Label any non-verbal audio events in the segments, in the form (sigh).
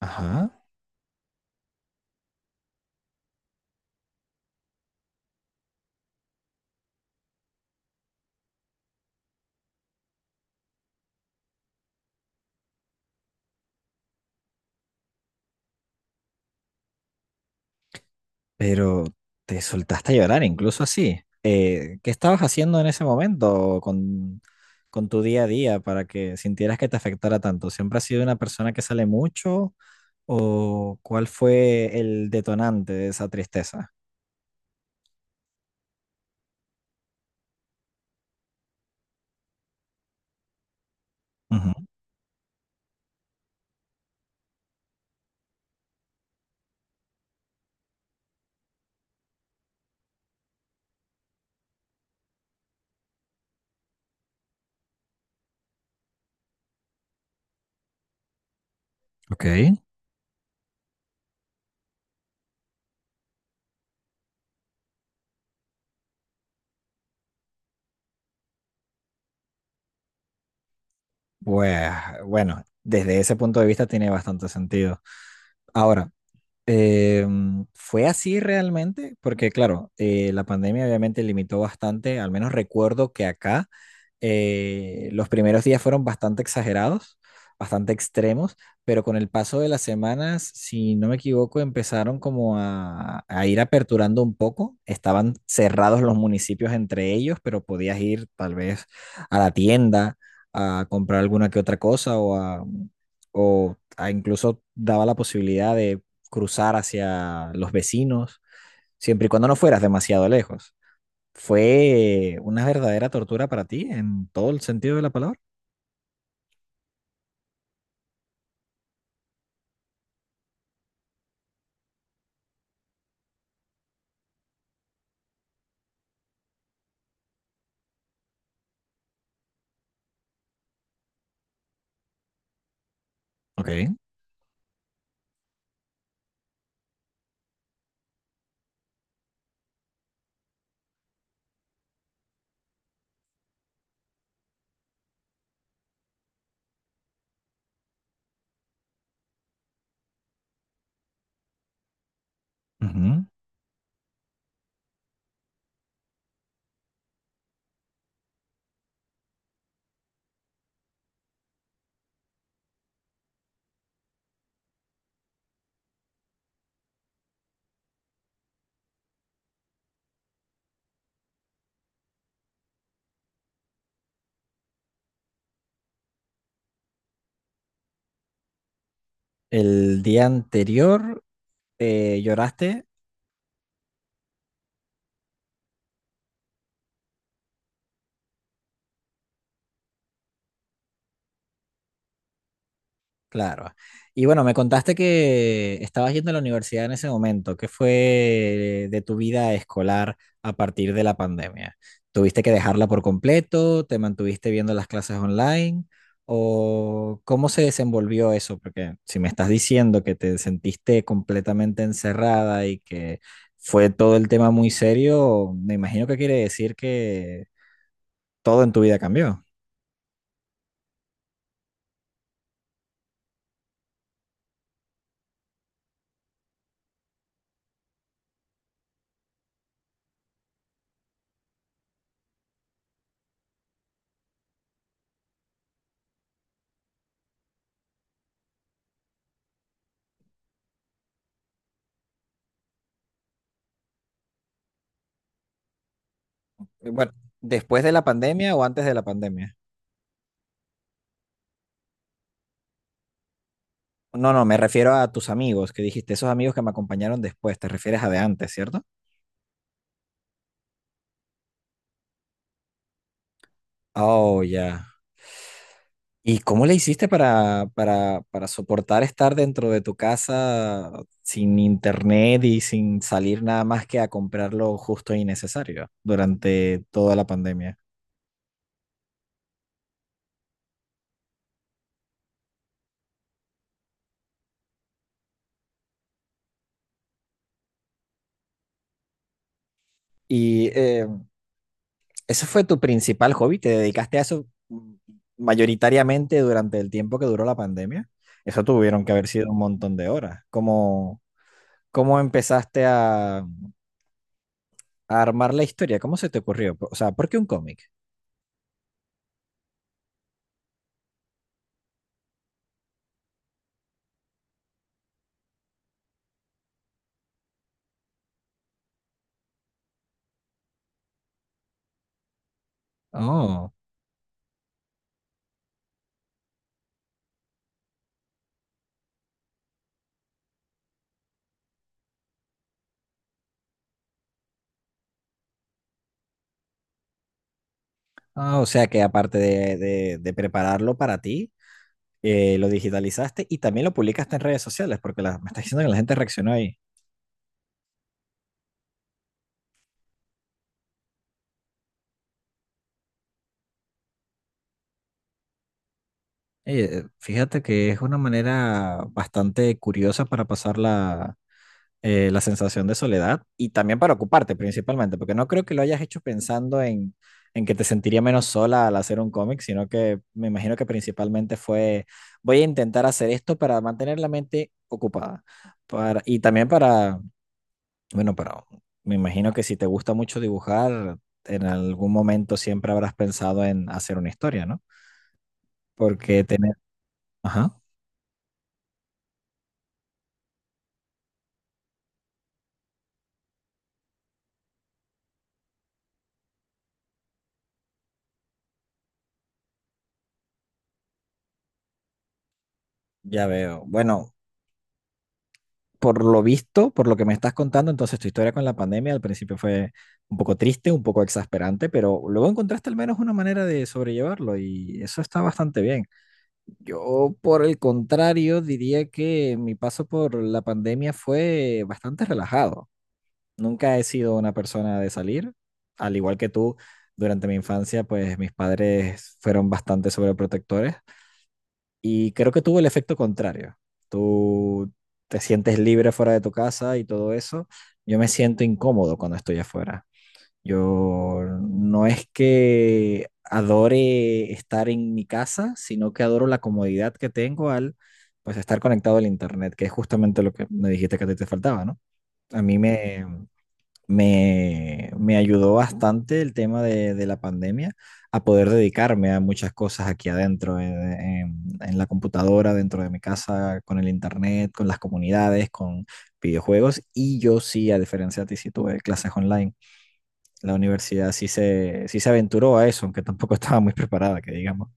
Ajá. Pero te soltaste a llorar, incluso así. ¿Qué estabas haciendo en ese momento con tu día a día para que sintieras que te afectara tanto? ¿Siempre has sido una persona que sale mucho? ¿O cuál fue el detonante de esa tristeza? Ujú. Ok. Pues bueno, desde ese punto de vista tiene bastante sentido. Ahora, ¿fue así realmente? Porque claro, la pandemia obviamente limitó bastante, al menos recuerdo que acá. Los primeros días fueron bastante exagerados, bastante extremos, pero con el paso de las semanas, si no me equivoco, empezaron como a ir aperturando un poco. Estaban cerrados los municipios entre ellos, pero podías ir tal vez a la tienda a comprar alguna que otra cosa o a incluso daba la posibilidad de cruzar hacia los vecinos, siempre y cuando no fueras demasiado lejos. Fue una verdadera tortura para ti en todo el sentido de la palabra. Ok. Ujú. El día anterior lloraste. Claro. Y bueno, me contaste que estabas yendo a la universidad en ese momento. ¿Qué fue de tu vida escolar a partir de la pandemia? ¿Tuviste que dejarla por completo? ¿Te mantuviste viendo las clases online? ¿O cómo se desenvolvió eso? Porque si me estás diciendo que te sentiste completamente encerrada y que fue todo el tema muy serio, me imagino que quiere decir que todo en tu vida cambió. Bueno, ¿después de la pandemia o antes de la pandemia? No, no, me refiero a tus amigos que dijiste, esos amigos que me acompañaron después, te refieres a de antes, ¿cierto? Oh, ya. ¿Y cómo le hiciste para soportar estar dentro de tu casa sin internet y sin salir nada más que a comprar lo justo y necesario durante toda la pandemia? ¿Y ese fue tu principal hobby? ¿Te dedicaste a eso mayoritariamente durante el tiempo que duró la pandemia? Eso tuvieron que haber sido un montón de horas. ¿Cómo empezaste a armar la historia? ¿Cómo se te ocurrió? O sea, ¿por qué un cómic? Oh, ah, o sea que aparte de prepararlo para ti, lo digitalizaste y también lo publicaste en redes sociales, porque me estás diciendo que la gente reaccionó ahí. Fíjate que es una manera bastante curiosa para pasar la sensación de soledad y también para ocuparte principalmente, porque no creo que lo hayas hecho pensando en que te sentiría menos sola al hacer un cómic, sino que me imagino que principalmente fue, voy a intentar hacer esto para mantener la mente ocupada y también para me imagino que si te gusta mucho dibujar, en algún momento siempre habrás pensado en hacer una historia, ¿no? Porque tener, ajá, ya veo. Bueno, por lo visto, por lo que me estás contando, entonces tu historia con la pandemia al principio fue un poco triste, un poco exasperante, pero luego encontraste al menos una manera de sobrellevarlo y eso está bastante bien. Yo, por el contrario, diría que mi paso por la pandemia fue bastante relajado. Nunca he sido una persona de salir, al igual que tú, durante mi infancia, pues mis padres fueron bastante sobreprotectores y creo que tuvo el efecto contrario. Tú te sientes libre fuera de tu casa y todo eso. Yo me siento incómodo cuando estoy afuera. Yo no es que adore estar en mi casa, sino que adoro la comodidad que tengo al pues estar conectado al internet, que es justamente lo que me dijiste que a ti te faltaba, ¿no? A mí me ayudó bastante el tema de la pandemia a poder dedicarme a muchas cosas aquí adentro, en la computadora, dentro de mi casa, con el internet, con las comunidades, con videojuegos. Y yo sí, a diferencia de ti, sí tuve clases online. La universidad sí se aventuró a eso, aunque tampoco (laughs) estaba muy preparada, que digamos.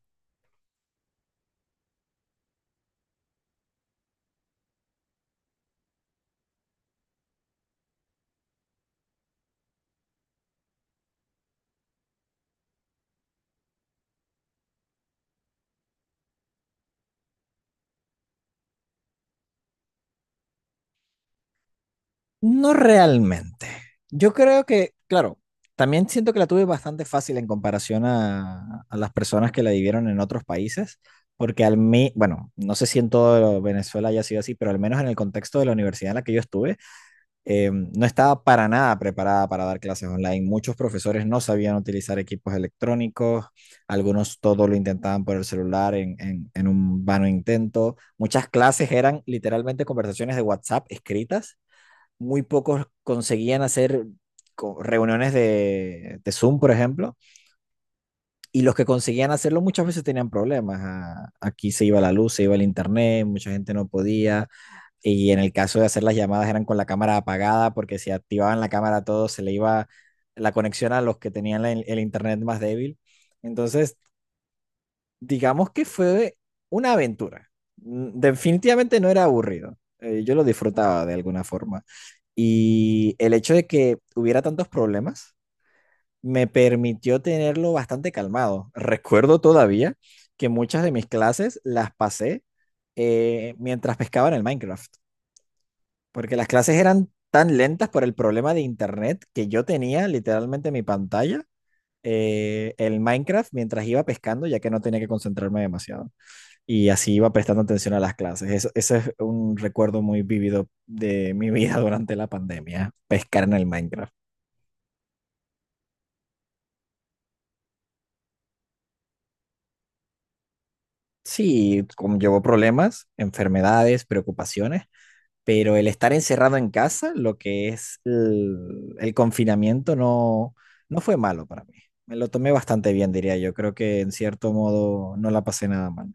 No realmente. Yo creo que, claro, también siento que la tuve bastante fácil en comparación a las personas que la vivieron en otros países, porque al mí, bueno, no sé si en todo Venezuela haya sido así, pero al menos en el contexto de la universidad en la que yo estuve, no estaba para nada preparada para dar clases online. Muchos profesores no sabían utilizar equipos electrónicos, algunos todo lo intentaban por el celular en un vano intento. Muchas clases eran literalmente conversaciones de WhatsApp escritas, muy pocos conseguían hacer reuniones de Zoom, por ejemplo, y los que conseguían hacerlo muchas veces tenían problemas. Aquí se iba la luz, se iba el internet, mucha gente no podía. Y en el caso de hacer las llamadas eran con la cámara apagada, porque si activaban la cámara a todos se le iba la conexión a los que tenían el internet más débil. Entonces, digamos que fue una aventura. Definitivamente no era aburrido. Yo lo disfrutaba de alguna forma. Y el hecho de que hubiera tantos problemas me permitió tenerlo bastante calmado. Recuerdo todavía que muchas de mis clases las pasé mientras pescaba en el Minecraft, porque las clases eran tan lentas por el problema de internet que yo tenía literalmente en mi pantalla el Minecraft mientras iba pescando, ya que no tenía que concentrarme demasiado y así iba prestando atención a las clases. Eso, ese es un recuerdo muy vívido de mi vida (laughs) durante la pandemia, pescar en el Minecraft. Sí, conllevó problemas, enfermedades, preocupaciones, pero el estar encerrado en casa, lo que es el confinamiento, no, no fue malo para mí. Me lo tomé bastante bien, diría yo. Creo que en cierto modo no la pasé nada mal.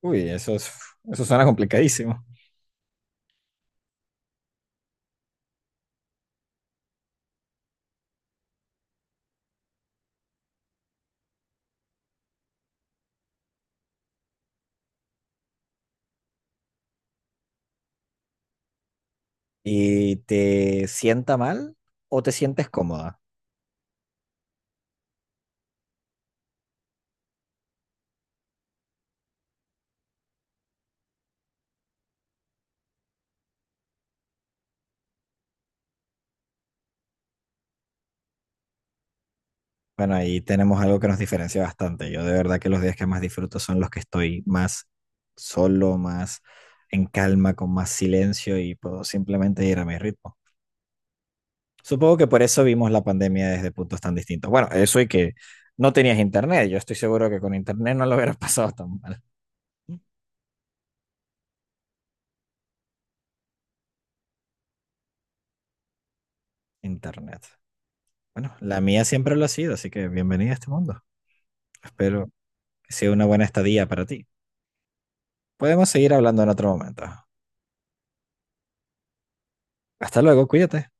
Uy, eso suena complicadísimo. ¿Y te sienta mal o te sientes cómoda? Bueno, ahí tenemos algo que nos diferencia bastante. Yo de verdad que los días que más disfruto son los que estoy más solo, más en calma, con más silencio y puedo simplemente ir a mi ritmo. Supongo que por eso vimos la pandemia desde puntos tan distintos. Bueno, eso y que no tenías internet. Yo estoy seguro que con internet no lo hubieras (laughs) pasado tan mal. Internet. Bueno, la mía siempre lo ha sido, así que bienvenida a este mundo. Espero que sea una buena estadía para ti. Podemos seguir hablando en otro momento. Hasta luego, cuídate.